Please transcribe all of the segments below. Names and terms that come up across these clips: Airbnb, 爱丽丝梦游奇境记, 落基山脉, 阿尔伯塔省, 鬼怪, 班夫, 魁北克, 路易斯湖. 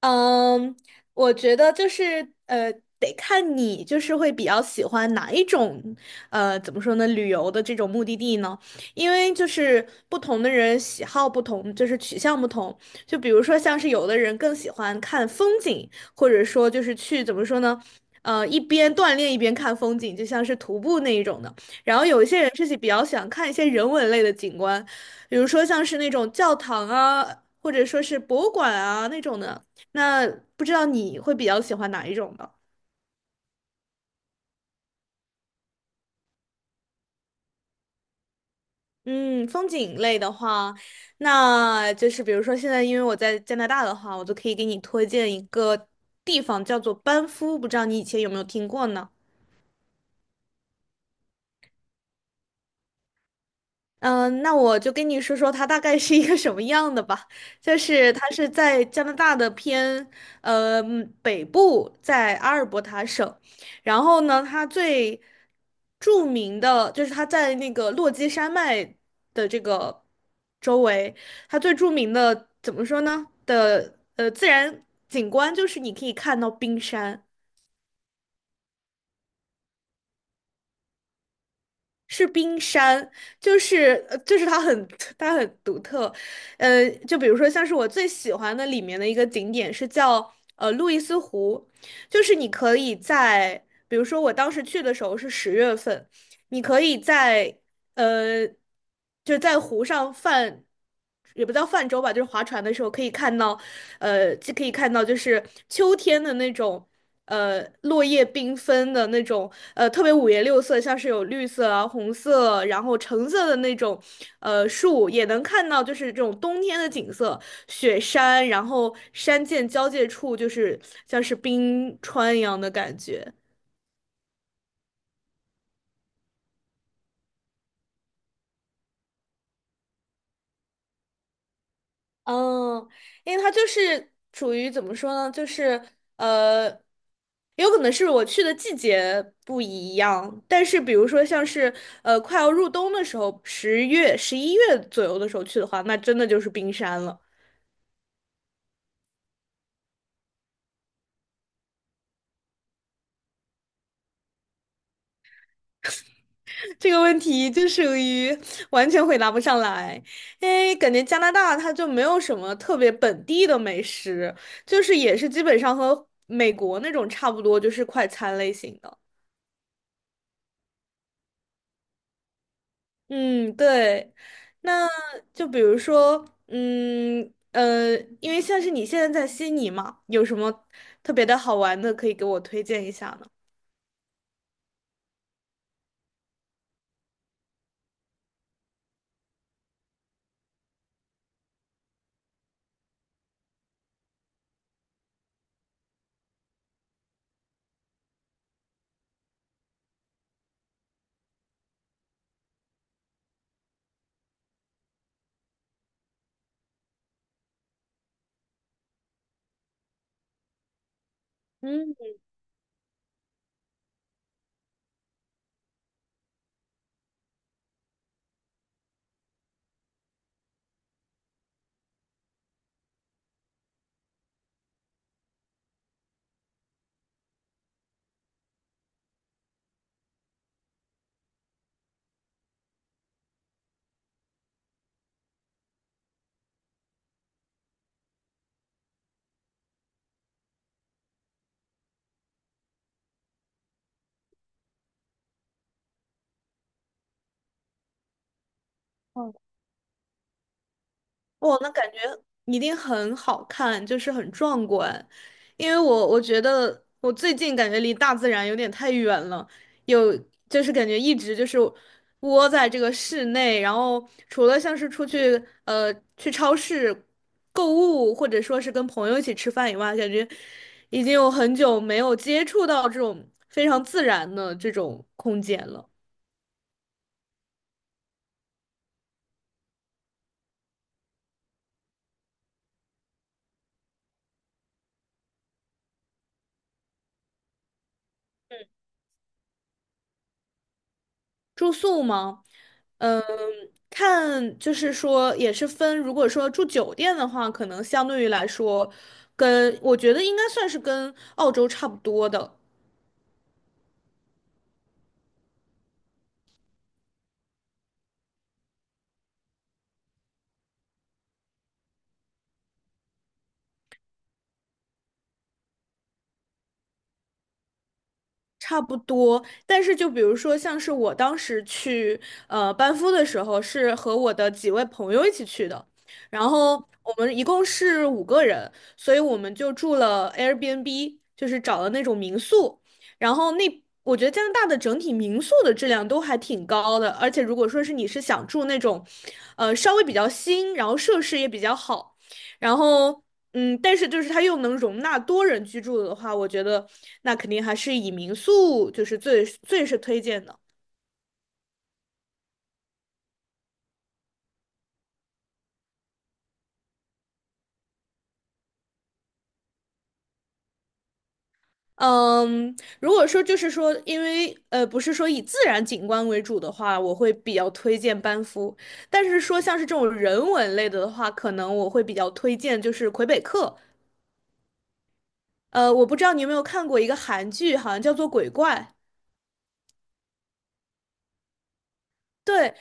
嗯，我觉得就是得看你就是会比较喜欢哪一种，怎么说呢，旅游的这种目的地呢？因为就是不同的人喜好不同，就是取向不同。就比如说像是有的人更喜欢看风景，或者说就是去怎么说呢，一边锻炼一边看风景，就像是徒步那一种的。然后有一些人是比较想看一些人文类的景观，比如说像是那种教堂啊，或者说是博物馆啊那种的。那不知道你会比较喜欢哪一种呢？嗯，风景类的话，那就是比如说现在因为我在加拿大的话，我就可以给你推荐一个地方叫做班夫，不知道你以前有没有听过呢？嗯，那我就跟你说说它大概是一个什么样的吧。就是它是在加拿大的偏北部，在阿尔伯塔省。然后呢，它最著名的就是它在那个落基山脉的这个周围，它最著名的怎么说呢的自然景观就是你可以看到冰山。是冰山，就是就是它很独特，就比如说像是我最喜欢的里面的一个景点是叫路易斯湖，就是你可以在，比如说我当时去的时候是10月份，你可以在呃，就是在湖上泛，也不叫泛舟吧，就是划船的时候可以看到，就可以看到就是秋天的那种，落叶缤纷的那种，特别五颜六色，像是有绿色啊、红色，然后橙色的那种，树，也能看到就是这种冬天的景色，雪山，然后山涧交界处就是像是冰川一样的感觉。嗯，因为它就是处于怎么说呢，就是呃，有可能是我去的季节不一样，但是比如说像是快要入冬的时候，10月、11月左右的时候去的话，那真的就是冰山了。这个问题就属于完全回答不上来，因为感觉加拿大它就没有什么特别本地的美食，就是也是基本上和美国那种差不多，就是快餐类型的。嗯，对，那就比如说，因为像是你现在在悉尼嘛，有什么特别的好玩的可以给我推荐一下呢？嗯。哇，那感觉一定很好看，就是很壮观。因为我觉得我最近感觉离大自然有点太远了，有就是感觉一直就是窝在这个室内，然后除了像是出去去超市购物，或者说是跟朋友一起吃饭以外，感觉已经有很久没有接触到这种非常自然的这种空间了。住宿吗？嗯，看，就是说也是分，如果说住酒店的话，可能相对于来说，跟我觉得应该算是跟澳洲差不多的。差不多，但是就比如说，像是我当时去班夫的时候，是和我的几位朋友一起去的，然后我们一共是5个人，所以我们就住了 Airbnb，就是找了那种民宿，然后那我觉得加拿大的整体民宿的质量都还挺高的，而且如果说是你是想住那种，稍微比较新，然后设施也比较好，然后。嗯，但是就是它又能容纳多人居住的话，我觉得那肯定还是以民宿就是最最是推荐的。嗯，如果说就是说，因为不是说以自然景观为主的话，我会比较推荐班夫。但是说像是这种人文类的的话，可能我会比较推荐就是魁北克。我不知道你有没有看过一个韩剧，好像叫做《鬼怪》。对，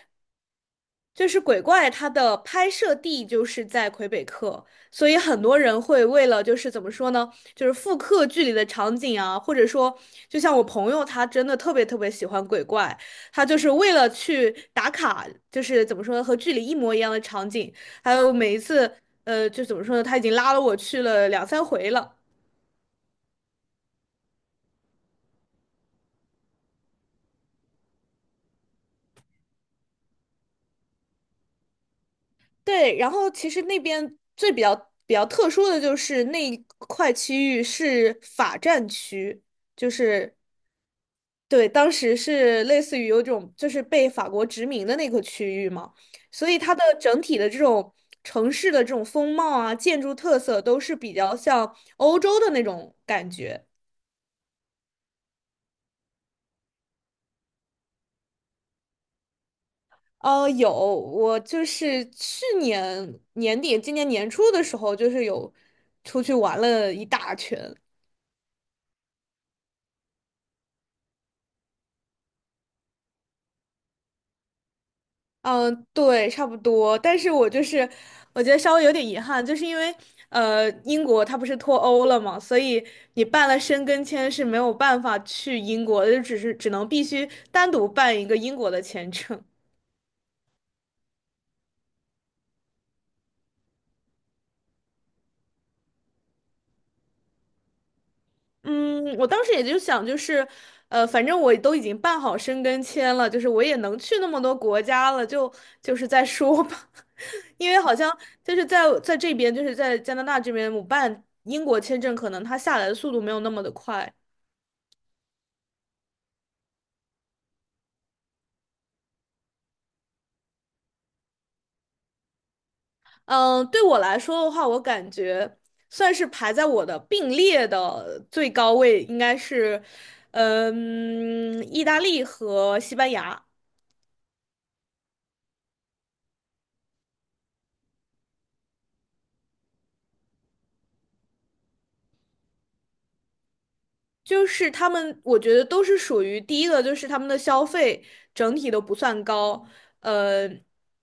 就是鬼怪它的拍摄地就是在魁北克，所以很多人会为了就是怎么说呢，就是复刻剧里的场景啊，或者说，就像我朋友他真的特别特别喜欢鬼怪，他就是为了去打卡，就是怎么说呢，和剧里一模一样的场景，还有每一次，就怎么说呢，他已经拉了我去了两三回了。对，然后其实那边最比较特殊的就是那一块区域是法占区，就是对，当时是类似于有种就是被法国殖民的那个区域嘛，所以它的整体的这种城市的这种风貌啊、建筑特色都是比较像欧洲的那种感觉。有，我就是去年年底、今年年初的时候，就是有出去玩了一大圈。嗯，对，差不多。但是我就是，我觉得稍微有点遗憾，就是因为英国它不是脱欧了嘛，所以你办了申根签是没有办法去英国的，就只是只能必须单独办一个英国的签证。嗯，我当时也就想，就是，反正我都已经办好申根签了，就是我也能去那么多国家了，就是再说吧。因为好像就是在这边，就是在加拿大这边，我办英国签证，可能它下来的速度没有那么的快。嗯，对我来说的话，我感觉算是排在我的并列的最高位，应该是，意大利和西班牙。就是他们，我觉得都是属于第一个，就是他们的消费整体都不算高，呃，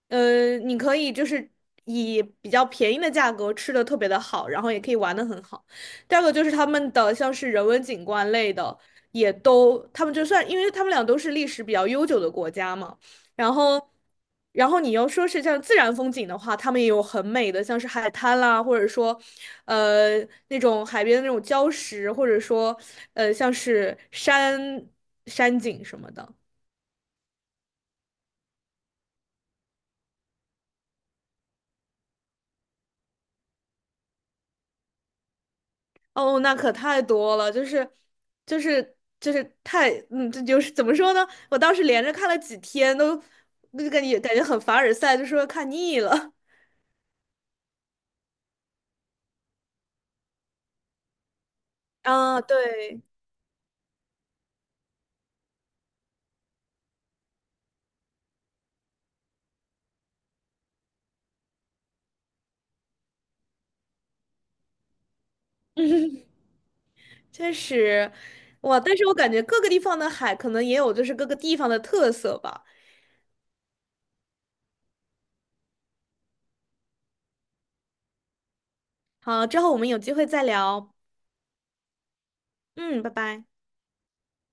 你可以就是以比较便宜的价格吃的特别的好，然后也可以玩的很好。第二个就是他们的像是人文景观类的，也都他们就算，因为他们俩都是历史比较悠久的国家嘛。然后，然后你要说是像自然风景的话，他们也有很美的，像是海滩啦，或者说，呃，那种海边的那种礁石，或者说，像是山景什么的。哦，那可太多了，就是太，嗯，这就是怎么说呢？我当时连着看了几天，都那就感觉很凡尔赛，就说看腻了。啊，对。确实，哇！但是我感觉各个地方的海可能也有就是各个地方的特色吧。好，之后我们有机会再聊。嗯，拜拜。